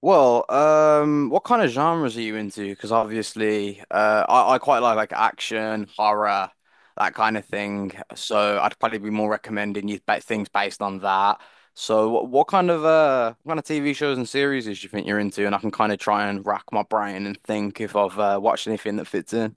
Well, what kind of genres are you into? Because obviously, I quite like action, horror, that kind of thing. So I'd probably be more recommending you things based on that. So what kind of what kind of TV shows and series do you think you're into? And I can kind of try and rack my brain and think if I've watched anything that fits in.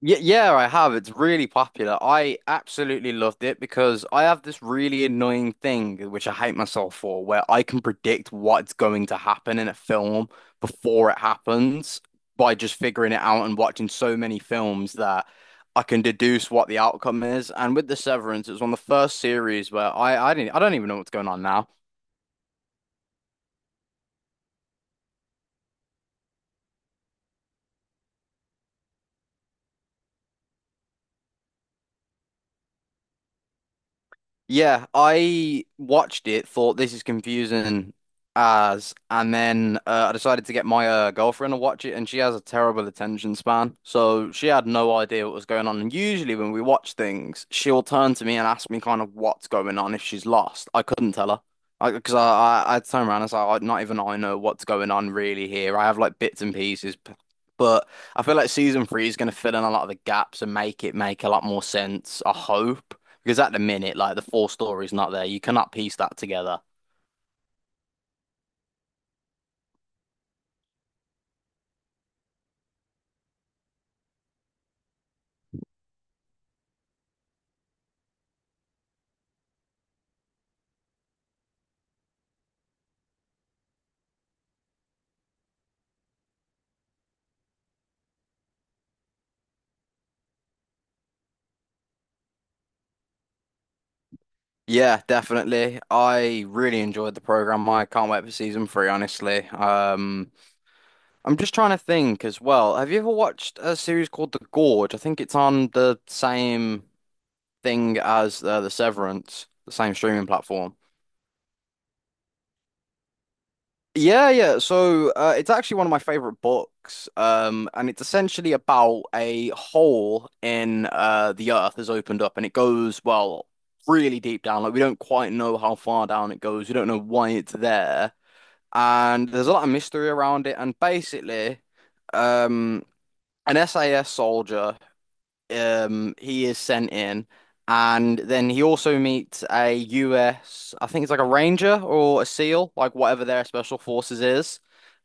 Yeah, yeah, I have. It's really popular. I absolutely loved it because I have this really annoying thing, which I hate myself for, where I can predict what's going to happen in a film before it happens by just figuring it out and watching so many films that I can deduce what the outcome is. And with The Severance, it was one of the first series where I didn't, I don't even know what's going on now. Yeah, I watched it, thought this is confusing as, and then I decided to get my girlfriend to watch it, and she has a terrible attention span, so she had no idea what was going on. And usually, when we watch things, she'll turn to me and ask me kind of what's going on if she's lost. I couldn't tell her. I because I, I turned around and said, Not even I know what's going on really here. I have like bits and pieces, but I feel like season three is going to fill in a lot of the gaps and make it make a lot more sense. I hope. Because at the minute, like the full story's not there. You cannot piece that together." Yeah, definitely. I really enjoyed the program. I can't wait for season three, honestly. I'm just trying to think as well. Have you ever watched a series called The Gorge? I think it's on the same thing as The Severance, the same streaming platform. Yeah, yeah. So it's actually one of my favorite books, and it's essentially about a hole in the earth has opened up, and it goes well really deep down. Like we don't quite know how far down it goes. We don't know why it's there, and there's a lot of mystery around it. And basically, um, an SAS soldier he is sent in, and then he also meets a US, I think it's like a ranger or a SEAL, like whatever their special forces is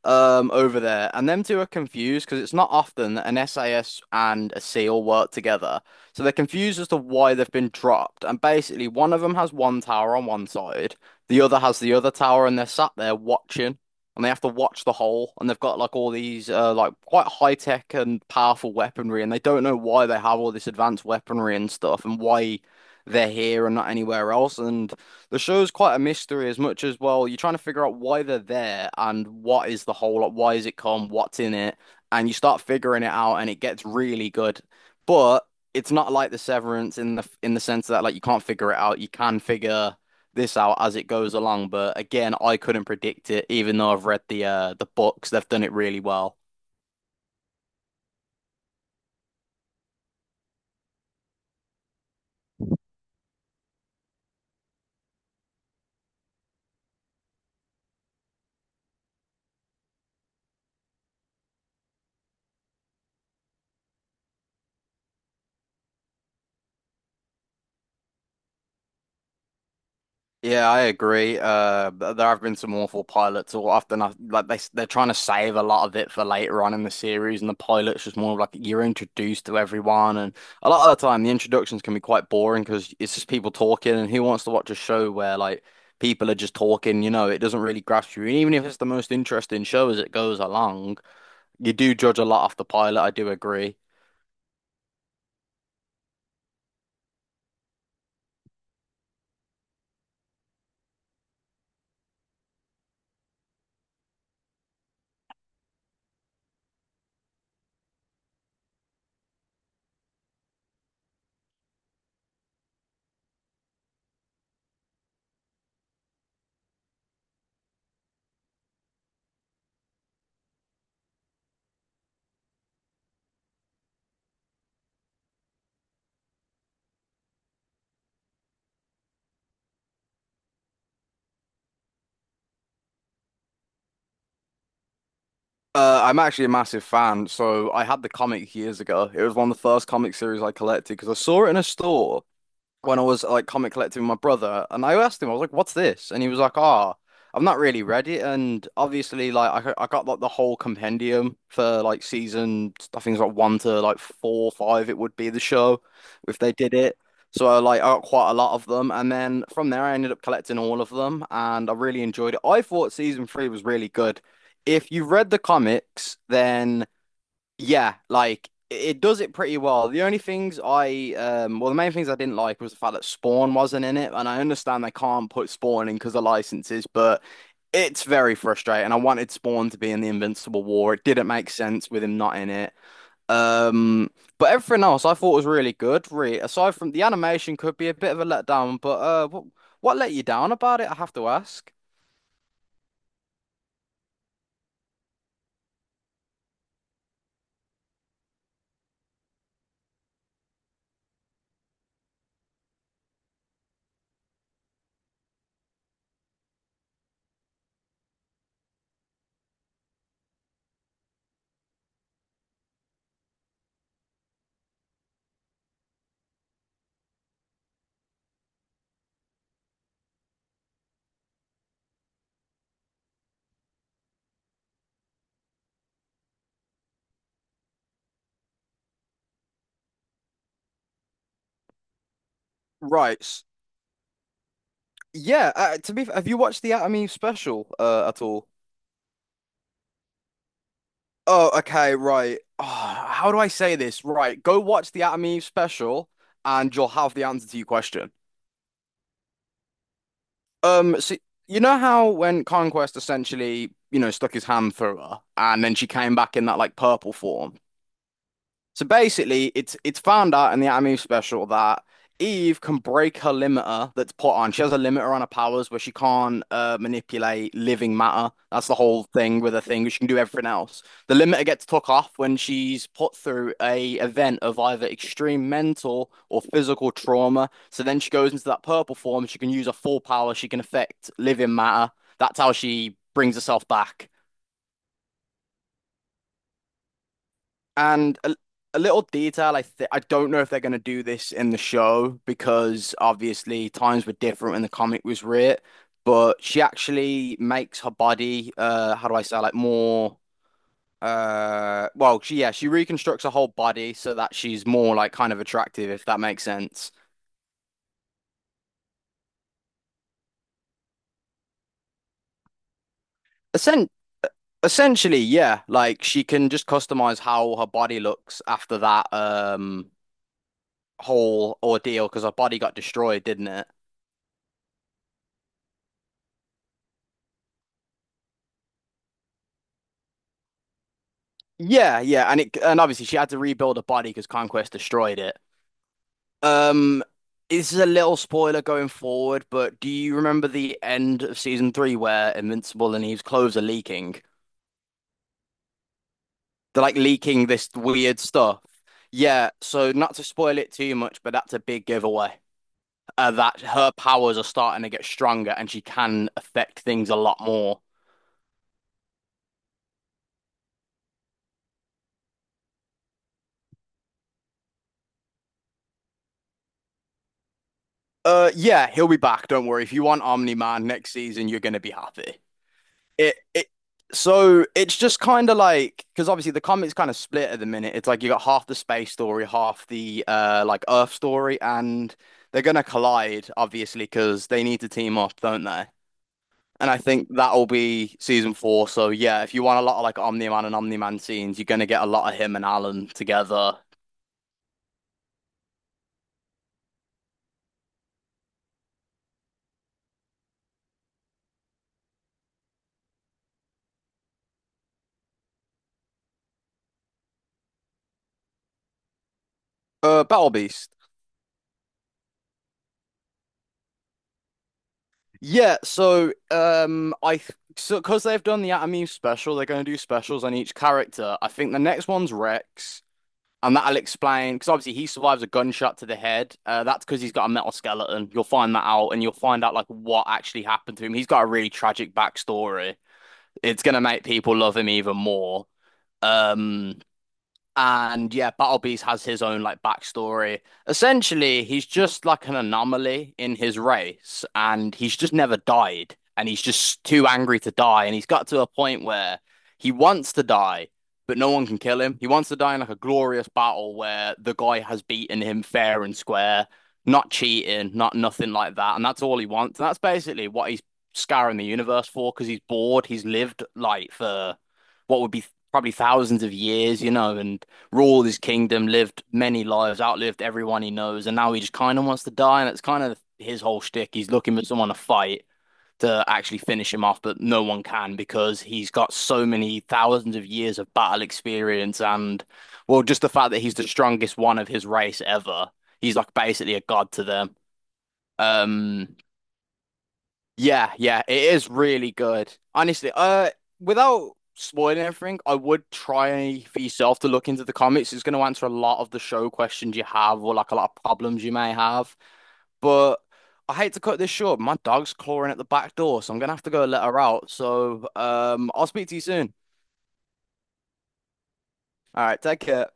over there, and them two are confused because it's not often that an SAS and a SEAL work together, so they're confused as to why they've been dropped. And basically, one of them has one tower on one side, the other has the other tower, and they're sat there watching, and they have to watch the hole. And they've got like all these like quite high tech and powerful weaponry, and they don't know why they have all this advanced weaponry and stuff and why they're here and not anywhere else. And the show's quite a mystery as much as well. You're trying to figure out why they're there and what is the hole, like why is it come, what's in it. And you start figuring it out and it gets really good, but it's not like the Severance in the sense that like you can't figure it out. You can figure this out as it goes along. But again, I couldn't predict it, even though I've read the books. They've done it really well. Yeah, I agree. There have been some awful pilots, or often like they're trying to save a lot of it for later on in the series, and the pilot's just more of like you're introduced to everyone, and a lot of the time the introductions can be quite boring because it's just people talking, and who wants to watch a show where like people are just talking? You know, it doesn't really grasp you, and even if it's the most interesting show as it goes along, you do judge a lot off the pilot. I do agree. I'm actually a massive fan. So I had the comic years ago. It was one of the first comic series I collected because I saw it in a store when I was like comic collecting with my brother, and I asked him, I was like, "What's this?" And he was like, "Ah, I've not really read it." And obviously, like I got like the whole compendium for like season, I think it's like one to like four, five. It would be the show if they did it. So I got quite a lot of them, and then from there I ended up collecting all of them, and I really enjoyed it. I thought season three was really good. If you read the comics, then. Yeah, like it does it pretty well. The only things I well, the main things I didn't like was the fact that Spawn wasn't in it, and I understand they can't put Spawn in because of licenses, but it's very frustrating. I wanted Spawn to be in the Invincible War. It didn't make sense with him not in it. Um but everything else I thought was really good, really. Aside from the animation could be a bit of a letdown, but what let you down about it, I have to ask. Right. Yeah. To be, have you watched the Anatomy special at all? Oh, okay, right. Oh, how do I say this? Right, go watch the Adam and Eve special and you'll have the answer to your question. Um, so you know how when Conquest essentially, you know, stuck his hand through her and then she came back in that like purple form? So basically, it's found out in the Anatomy of Special that Eve can break her limiter that's put on. She has a limiter on her powers where she can't manipulate living matter. That's the whole thing with her thing. She can do everything else. The limiter gets took off when she's put through a event of either extreme mental or physical trauma. So then she goes into that purple form. She can use her full power. She can affect living matter. That's how she brings herself back. And a, a little detail, I don't know if they're going to do this in the show because obviously times were different when the comic was writ, but she actually makes her body, how do I say, like more, yeah, she reconstructs her whole body so that she's more like kind of attractive, if that makes sense. Essen essentially, yeah, like she can just customize how her body looks after that, whole ordeal because her body got destroyed, didn't it? Yeah, yeah, and it and obviously she had to rebuild her body because Conquest destroyed it. Um, this is a little spoiler going forward, but do you remember the end of season three where Invincible and Eve's clothes are leaking? They're like leaking this weird stuff. Yeah, so not to spoil it too much, but that's a big giveaway. That her powers are starting to get stronger and she can affect things a lot more. Yeah, he'll be back. Don't worry. If you want Omni-Man next season, you're gonna be happy. It So it's just kind of like, because obviously the comic's kind of split at the minute. It's like you got half the space story, half the like Earth story, and they're gonna collide obviously because they need to team up, don't they? And I think that'll be season four. So yeah, if you want a lot of like Omni-Man and Omni-Man scenes, you're gonna get a lot of him and Alan together. Battle Beast. Yeah, so I th so because they've done the Atomeme special, they're gonna do specials on each character. I think the next one's Rex. And that'll explain, because obviously he survives a gunshot to the head. That's because he's got a metal skeleton. You'll find that out, and you'll find out like what actually happened to him. He's got a really tragic backstory. It's gonna make people love him even more. Um, and yeah, Battle Beast has his own like backstory. Essentially, he's just like an anomaly in his race, and he's just never died. And he's just too angry to die. And he's got to a point where he wants to die, but no one can kill him. He wants to die in like a glorious battle where the guy has beaten him fair and square, not cheating, not nothing like that. And that's all he wants. And that's basically what he's scouring the universe for because he's bored. He's lived like for what would be probably thousands of years, you know, and ruled his kingdom, lived many lives, outlived everyone he knows, and now he just kind of wants to die. And it's kind of his whole shtick. He's looking for someone to fight to actually finish him off, but no one can because he's got so many thousands of years of battle experience. And well, just the fact that he's the strongest one of his race ever, he's like basically a god to them. Um, yeah, yeah, it is really good. Honestly, without spoiling everything, I would try for yourself to look into the comics. It's going to answer a lot of the show questions you have, or like a lot of problems you may have. But I hate to cut this short. My dog's clawing at the back door, so I'm gonna have to go let her out. So, I'll speak to you soon. All right, take care.